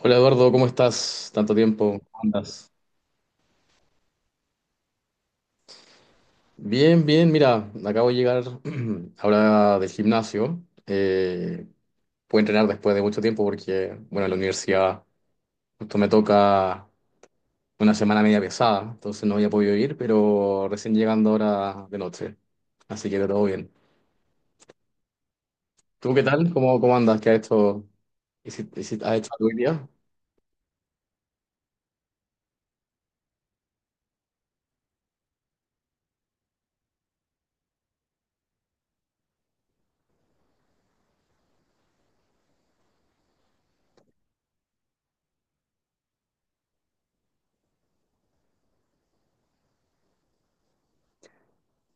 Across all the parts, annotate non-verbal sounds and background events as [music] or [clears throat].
Hola Eduardo, ¿cómo estás? Tanto tiempo, ¿cómo andas? Bien, bien, mira, acabo de llegar [clears throat] ahora del gimnasio. Puedo entrenar después de mucho tiempo porque, bueno, en la universidad justo me toca una semana media pesada, entonces no había podido ir, pero recién llegando ahora de noche, así que todo bien. ¿Tú qué tal? ¿Cómo andas? ¿Qué has hecho? ¿Has hecho algo hoy día?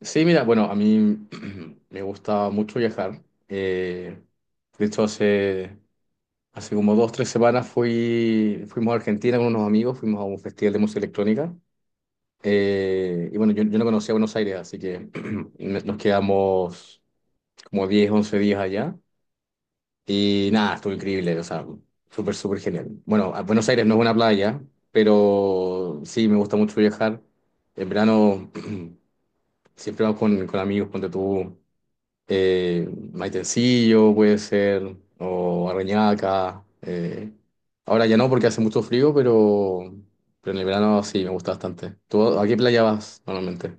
Sí, mira, bueno, a mí [clears throat] me gusta mucho viajar. Eh, de hecho, Hace como 2, 3 semanas fuimos a Argentina con unos amigos, fuimos a un festival de música electrónica. Y bueno, yo no conocía Buenos Aires, así que [clears throat] nos quedamos como 10 11 días allá. Y nada, estuvo increíble, o sea, súper, súper genial. Bueno, Buenos Aires no es una playa, pero sí, me gusta mucho viajar. En verano [clears throat] siempre vamos con, amigos, ponte tú maitencillo puede ser, o arrañaca. Ahora ya no porque hace mucho frío, pero en el verano sí, me gusta bastante. ¿Tú a qué playa vas normalmente?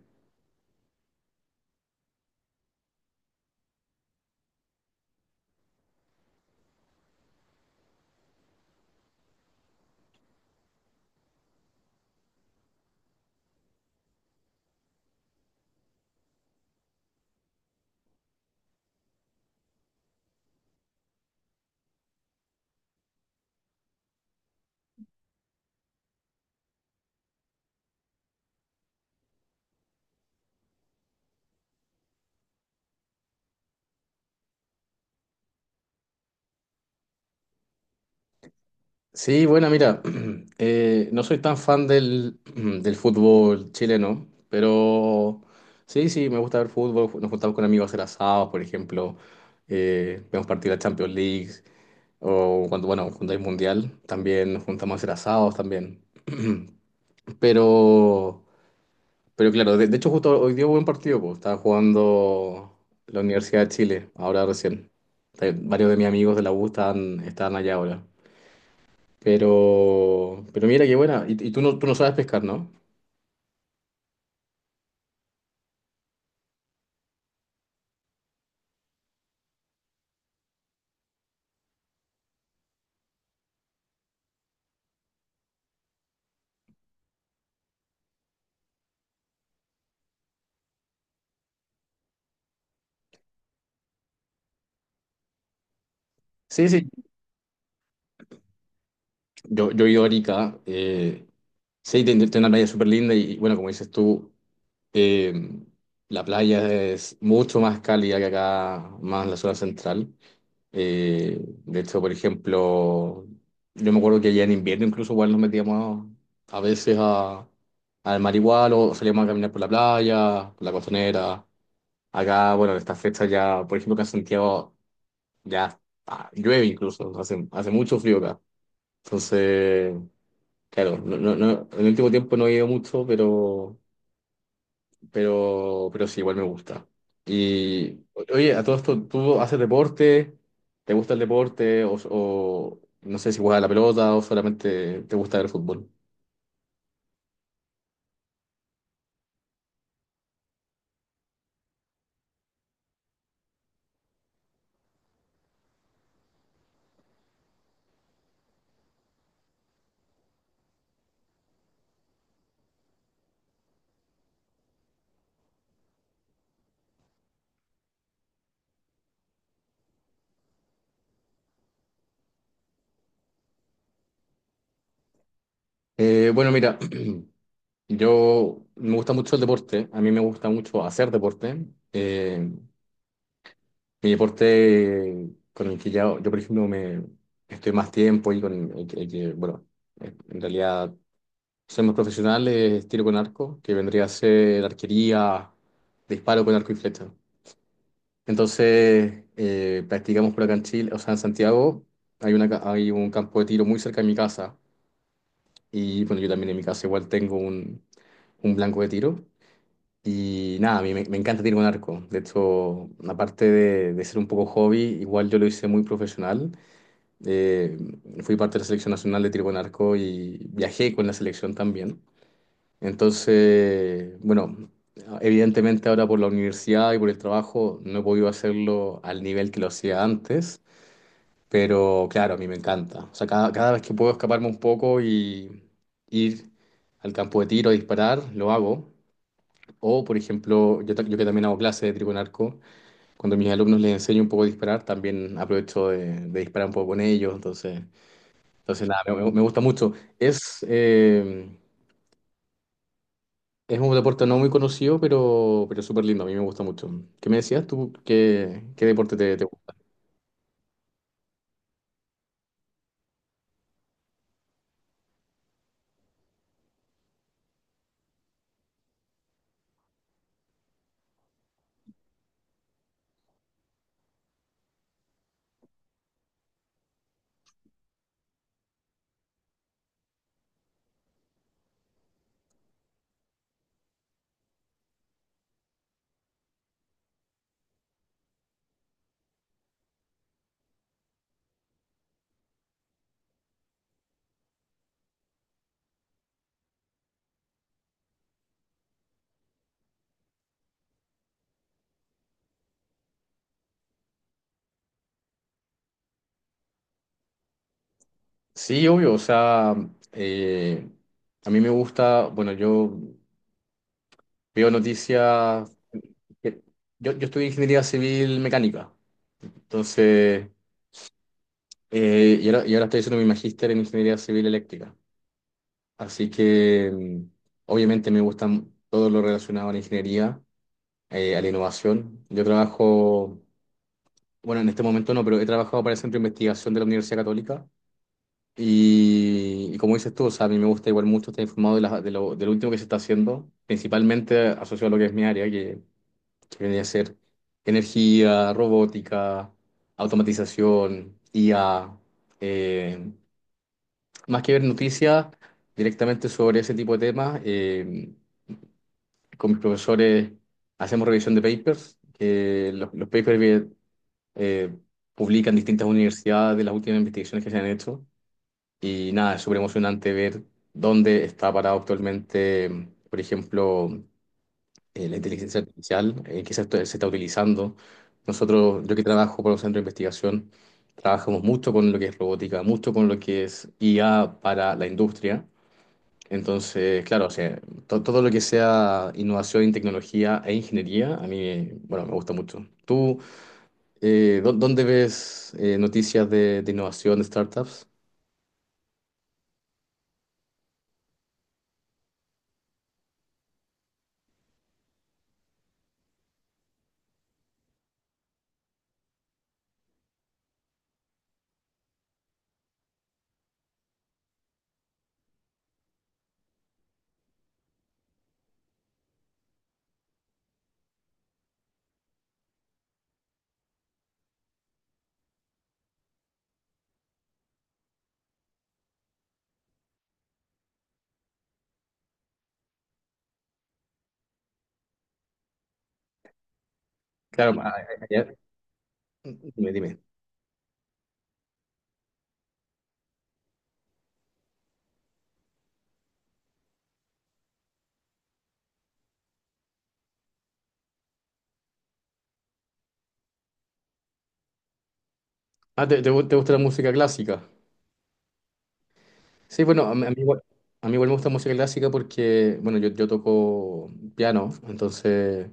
Sí, bueno, mira, [clears throat] no soy tan fan [clears throat] del fútbol chileno, pero sí, sí, me gusta ver fútbol. Nos juntamos con amigos a hacer asados, por ejemplo. Vemos partidos de la Champions League, o cuando, bueno, cuando hay mundial, también nos juntamos a hacer asados también. [clears throat] Pero, pero, claro, de hecho justo hoy dio buen partido, pues estaba jugando la Universidad de Chile, ahora recién. Varios de mis amigos de la U están, allá ahora. pero mira qué buena. y, tú no sabes pescar, ¿no? Sí, sí. yo, he ido a Arica. Sí, tiene una playa súper linda y, bueno, como dices tú, eh, la playa es mucho más cálida que acá, más en la zona central. De hecho, por ejemplo, yo me acuerdo que allá en invierno incluso igual nos metíamos a veces al mar igual o salíamos a caminar por la playa, por la costanera. Acá, bueno, en estas fechas ya, por ejemplo, acá en Santiago ya llueve incluso, hace, mucho frío acá. Entonces, claro, no, no, en el último tiempo no he ido mucho, pero, sí, igual me gusta. Y oye, a todo esto, ¿tú haces deporte? ¿Te gusta el deporte? ¿o no sé si juegas a la pelota o solamente te gusta ver el fútbol? Bueno, mira, [clears throat] yo me gusta mucho el deporte, a mí me gusta mucho hacer deporte. Eh, mi deporte con el que ya, yo, por ejemplo, me estoy más tiempo y con el que, bueno, en realidad ser más profesional es tiro con arco, que vendría a ser arquería, disparo con arco y flecha. Entonces, practicamos por acá en Chile, o sea, en Santiago, hay un campo de tiro muy cerca de mi casa. Y bueno, yo también en mi casa igual tengo un, blanco de tiro. Y nada, a mí me, encanta tiro con arco. De hecho, aparte de ser un poco hobby, igual yo lo hice muy profesional. Eh, fui parte de la selección nacional de tiro con arco y viajé con la selección también. Entonces, bueno, evidentemente ahora por la universidad y por el trabajo no he podido hacerlo al nivel que lo hacía antes, pero claro, a mí me encanta. O sea, cada, vez que puedo escaparme un poco y ir al campo de tiro a disparar, lo hago. O, por ejemplo, yo que también hago clases de tiro con arco, cuando a mis alumnos les enseño un poco a disparar, también aprovecho de, disparar un poco con ellos. entonces, nada, me gusta mucho. Es, eh, Es un deporte no muy conocido, pero súper lindo. A mí me gusta mucho. ¿Qué me decías tú? ¿qué, deporte te gusta? Sí, obvio. O sea, eh, a mí me gusta, bueno, yo veo noticias. que- yo, estudié ingeniería civil mecánica. Entonces, y ahora estoy haciendo mi magíster en ingeniería civil eléctrica. Así que, obviamente, me gusta todo lo relacionado a la ingeniería, a la innovación. Yo trabajo. Bueno, en este momento no, pero he trabajado para el Centro de Investigación de la Universidad Católica y, como dices tú, o sea, a mí me gusta igual mucho estar informado de lo último que se está haciendo, principalmente asociado a lo que es mi área, que, viene a ser energía, robótica, automatización, IA. eh, más que ver noticias directamente sobre ese tipo de temas, con mis profesores hacemos revisión de papers, que los papers eh, publican distintas universidades de las últimas investigaciones que se han hecho. Y nada, es súper emocionante ver dónde está parado actualmente, por ejemplo, la inteligencia artificial, que se está utilizando. Nosotros, yo que trabajo por un centro de investigación, trabajamos mucho con lo que es robótica, mucho con lo que es IA para la industria. Entonces, claro, o sea, todo lo que sea innovación en tecnología e ingeniería, a mí, bueno, me gusta mucho. ¿Tú ¿dónde ves noticias de, innovación, de startups? Claro, ah, ah, ya, dime, dime. Ah, ¿te gusta la música clásica? Sí, bueno, a mí igual me gusta música clásica porque, bueno, yo toco piano, entonces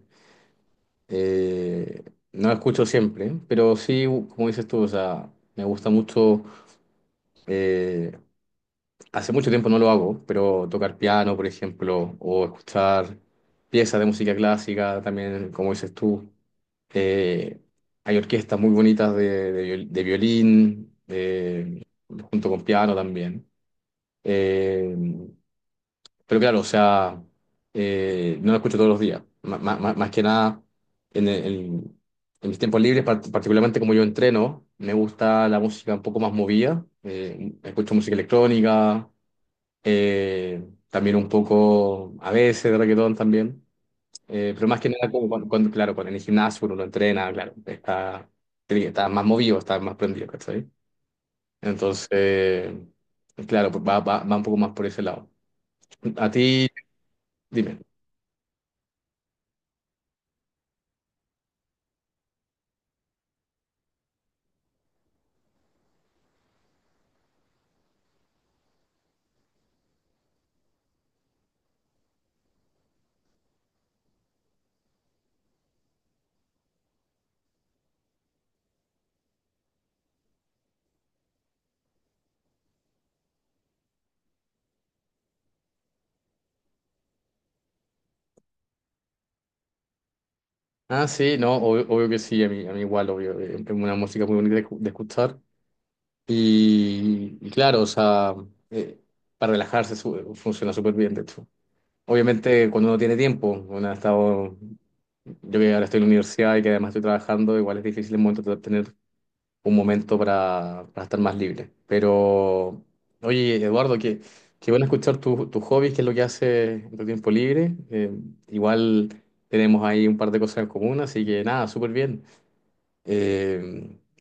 eh, no la escucho siempre, pero sí, como dices tú, o sea, me gusta mucho eh, Hace mucho tiempo no lo hago, pero tocar piano, por ejemplo, o escuchar piezas de música clásica, también, como dices tú. Eh, hay orquestas muy bonitas de violín, junto con piano también. Eh, pero claro, o sea, no lo escucho todos los días. Más que nada, en, el- en- en mis tiempos libres, particularmente como yo entreno, me gusta la música un poco más movida. Escucho música electrónica, también un poco a veces de reggaetón también, pero más que nada como cuando, claro, cuando en el gimnasio uno no entrena, claro, está, más movido, está más prendido, ¿cachai? Entonces, claro, pues va un poco más por ese lado. A ti, dime. Ah, sí, no, obvio, obvio que sí, a mí, igual, obvio, es una música muy bonita de escuchar y claro, o sea, eh, para relajarse funciona súper bien, de hecho. Obviamente, cuando uno tiene tiempo, uno ha estado, yo que ahora estoy en la universidad y que además estoy trabajando, igual es difícil en un momento tener un momento para, estar más libre. Pero, oye, Eduardo, qué bueno escuchar tus hobbies, qué es lo que haces en tu tiempo libre. Igual tenemos ahí un par de cosas en común, así que nada, súper bien. Eh,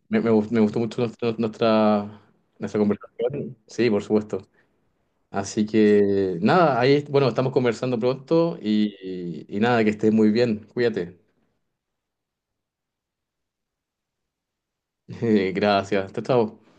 me gustó mucho nuestra conversación. Sí, por supuesto. Así que nada, ahí, bueno, estamos conversando pronto y nada, que estés muy bien, cuídate. [laughs] Gracias, hasta chao, chao.